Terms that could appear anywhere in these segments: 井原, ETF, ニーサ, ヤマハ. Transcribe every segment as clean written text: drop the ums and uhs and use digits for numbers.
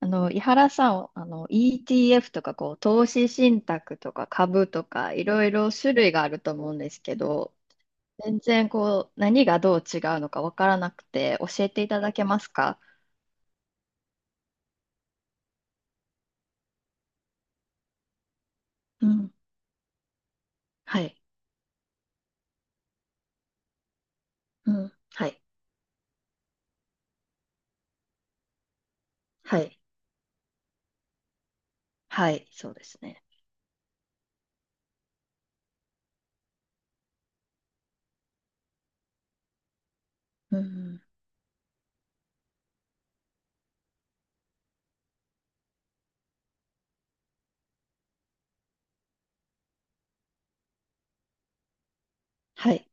井原さん、ETF とか、こう、投資信託とか株とか、いろいろ種類があると思うんですけど、全然、こう、何がどう違うのかわからなくて、教えていただけますか？うん。はい。うん。はい。はい。はい。そうですね。うん。はい。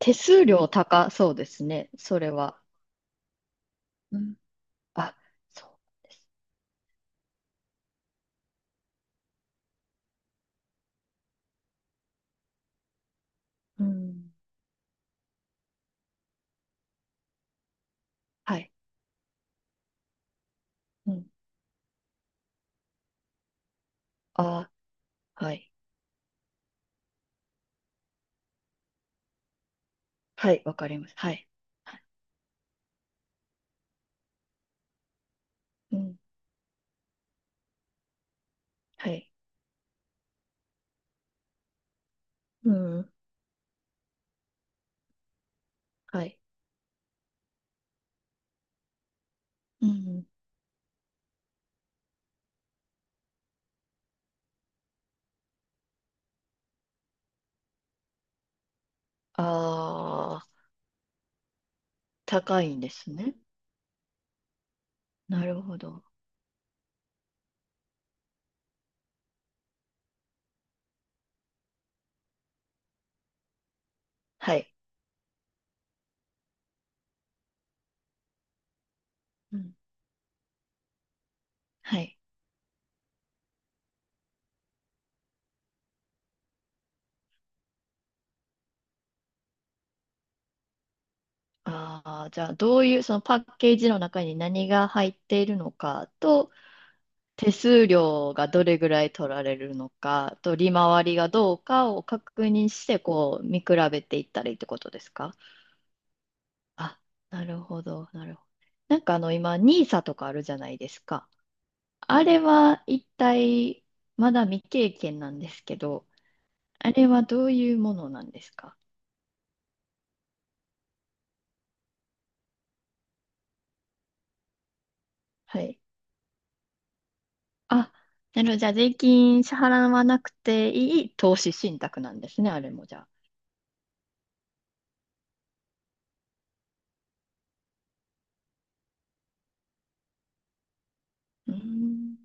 手数料高そうですね、それは。うん。あ、そうです。うん。はい。うん。あ、はい。はい。わかります。はい。はい。うん。はい。うん。はい。うん。ああ、高いんですね。なるほど。はい。うん。はい。ああ、じゃあ、どういう、そのパッケージの中に何が入っているのかと、手数料がどれぐらい取られるのかと、利回りがどうかを確認して、こう、見比べていったらいいってことですか？あ、なるほど、なるほど。なんか今、ニーサとかあるじゃないですか。あれは一体、まだ未経験なんですけど、あれはどういうものなんですか？はい。あ、なるほど。じゃあ、税金支払わなくていい投資信託なんですね、あれもじゃあ。うーん。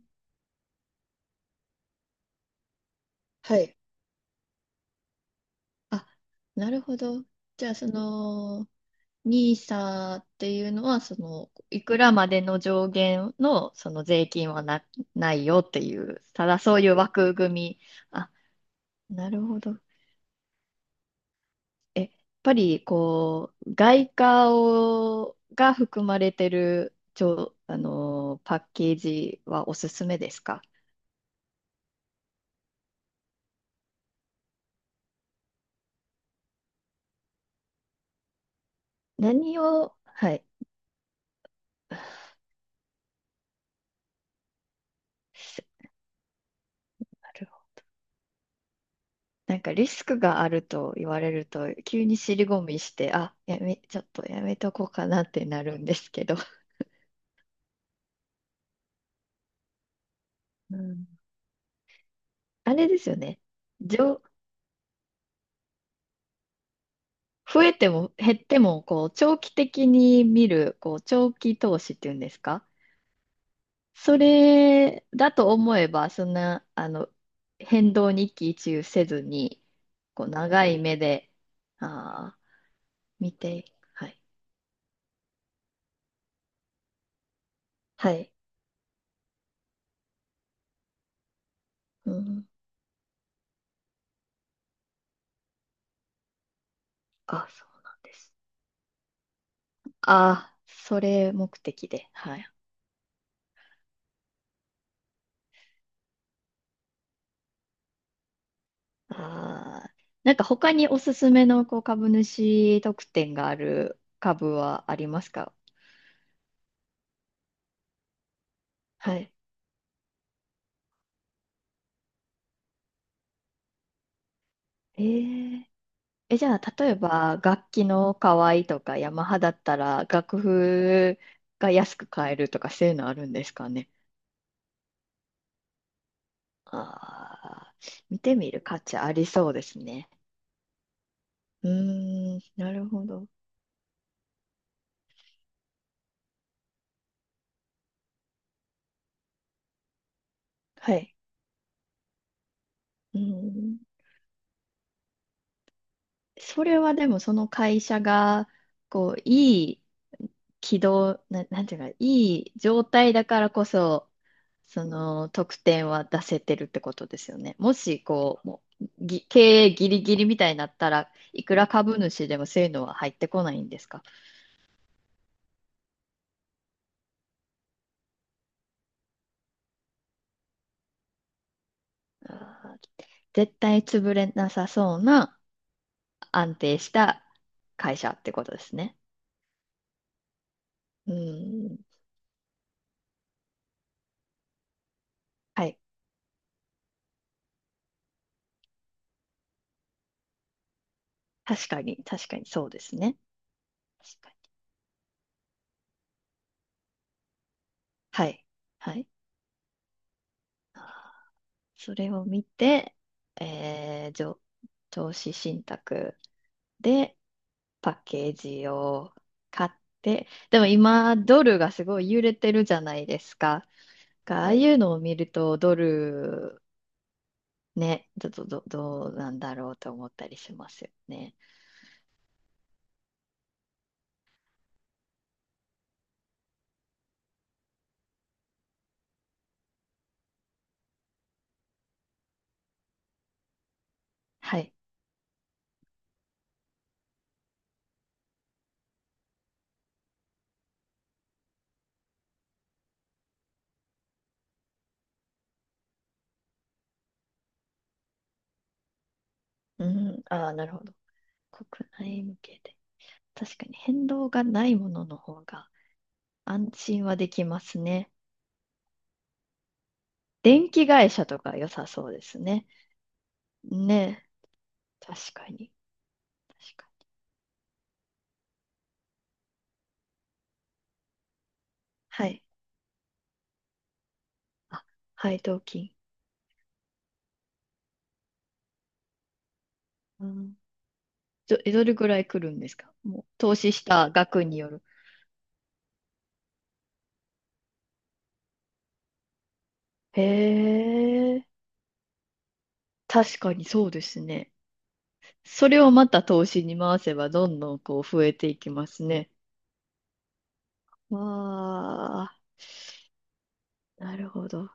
はい。あ、なるほど。じゃあ、その、ニーサっていうのは、その、いくらまでの上限の、その税金はな、ないよっていう、ただそういう枠組み。あ、なるほど。え、やっぱりこう、外貨をが含まれてる、ちょ、あのー、パッケージはおすすめですか？何を、はい。なるほど。なんかリスクがあると言われると、急に尻込みして、あ、ちょっとやめとこうかなってなるんですけど。うん。あれですよね。上、増えても減っても、こう、長期的に見る、こう、長期投資っていうんですか？それだと思えば、そんな、変動に一喜一憂せずに、こう、長い目で、ああ、見て、はい。はい。うん。あ、そうなんです。ああ、それ目的で、はい。ああ、なんか他におすすめの、こう、株主特典がある株はありますか？はい。えええ、じゃあ、例えば、楽器の可愛いとか、ヤマハだったら、楽譜が安く買えるとか、そういうのあるんですかね。ああ、見てみる価値ありそうですね。うーん、なるほど。はい。うん、それはでも、その会社が、こう、いい軌道、なんていうか、いい状態だからこそ、その得点は出せてるってことですよね。もし、こう、もう、経営ギリギリみたいになったらいくら株主でもそういうのは入ってこないんですか？あー絶対潰れなさそうな安定した会社ってことですね。うん。はい。確かに、確かにそうですね。確かに。はい。はい。それを見て、えー、上、投資信託。で、パッケージを買って、でも今、ドルがすごい揺れてるじゃないですか。がああいうのを見ると、ドル、ね、ど、とどどうなんだろうと思ったりしますよね。はい。うん、ああ、なるほど。国内向けで。確かに変動がないものの方が安心はできますね。電気会社とか良さそうですね。ね、確かに。確かに。はい。あ、配当金。うん。どれぐらい来るんですか？もう、投資した額による。へえ、確かにそうですね。それをまた投資に回せば、どんどんこう増えていきますね。わあ、なるほど。やっ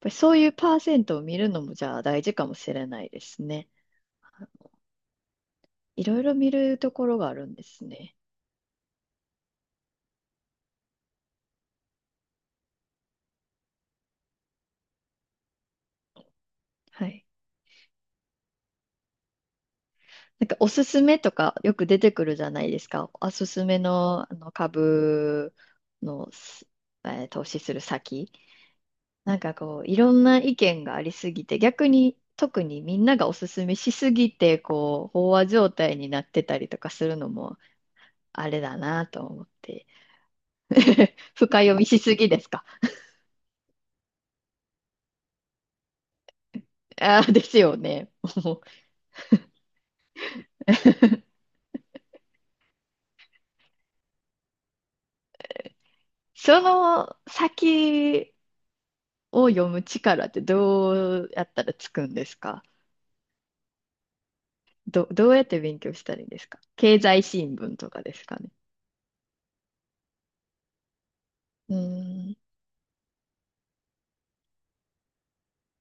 ぱりそういうパーセントを見るのも、じゃあ大事かもしれないですね。いろいろ見るところがあるんですね。はい。なんかおすすめとかよく出てくるじゃないですか。おすすめの、あの株の、すえー投資する先。なんかこう、いろんな意見がありすぎて、逆に特にみんながおすすめしすぎて、こう、飽和状態になってたりとかするのも、あれだなと思って。深読みしすぎですか。ああ、ですよね。もう。 その先を読む力ってどうやったらつくんですか？どうやって勉強したらいいんですか？経済新聞とかですかね。うーん。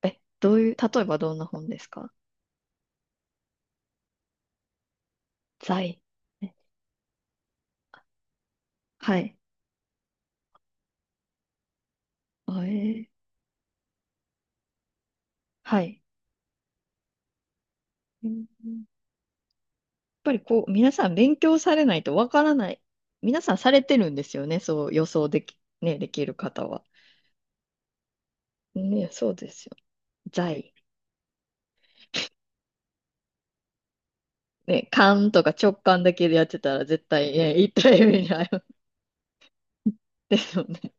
え、どういう、例えばどんな本ですか？財。え、はい。あ、はい。うん。やっぱりこう、皆さん勉強されないとわからない。皆さんされてるんですよね。そう予想でき、ね、できる方は。ね、そうですよ。在。ね、勘とか直感だけでやってたら絶対、ね、一体目に遭う。ですよね。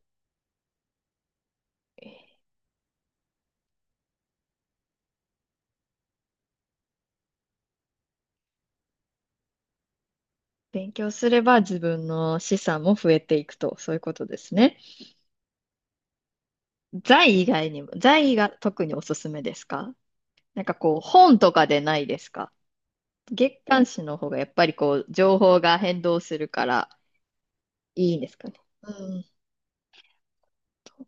勉強すれば自分の資産も増えていくと、そういうことですね。財以外にも、財が特におすすめですか？なんかこう、本とかでないですか？月刊誌の方がやっぱりこう、情報が変動するからいいんですかね。うーんと、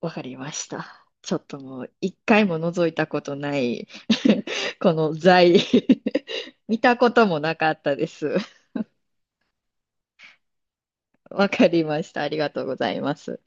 わかりました。ちょっともう、一回も覗いたことない。 この財。 見たこともなかったです。わかりました。ありがとうございます。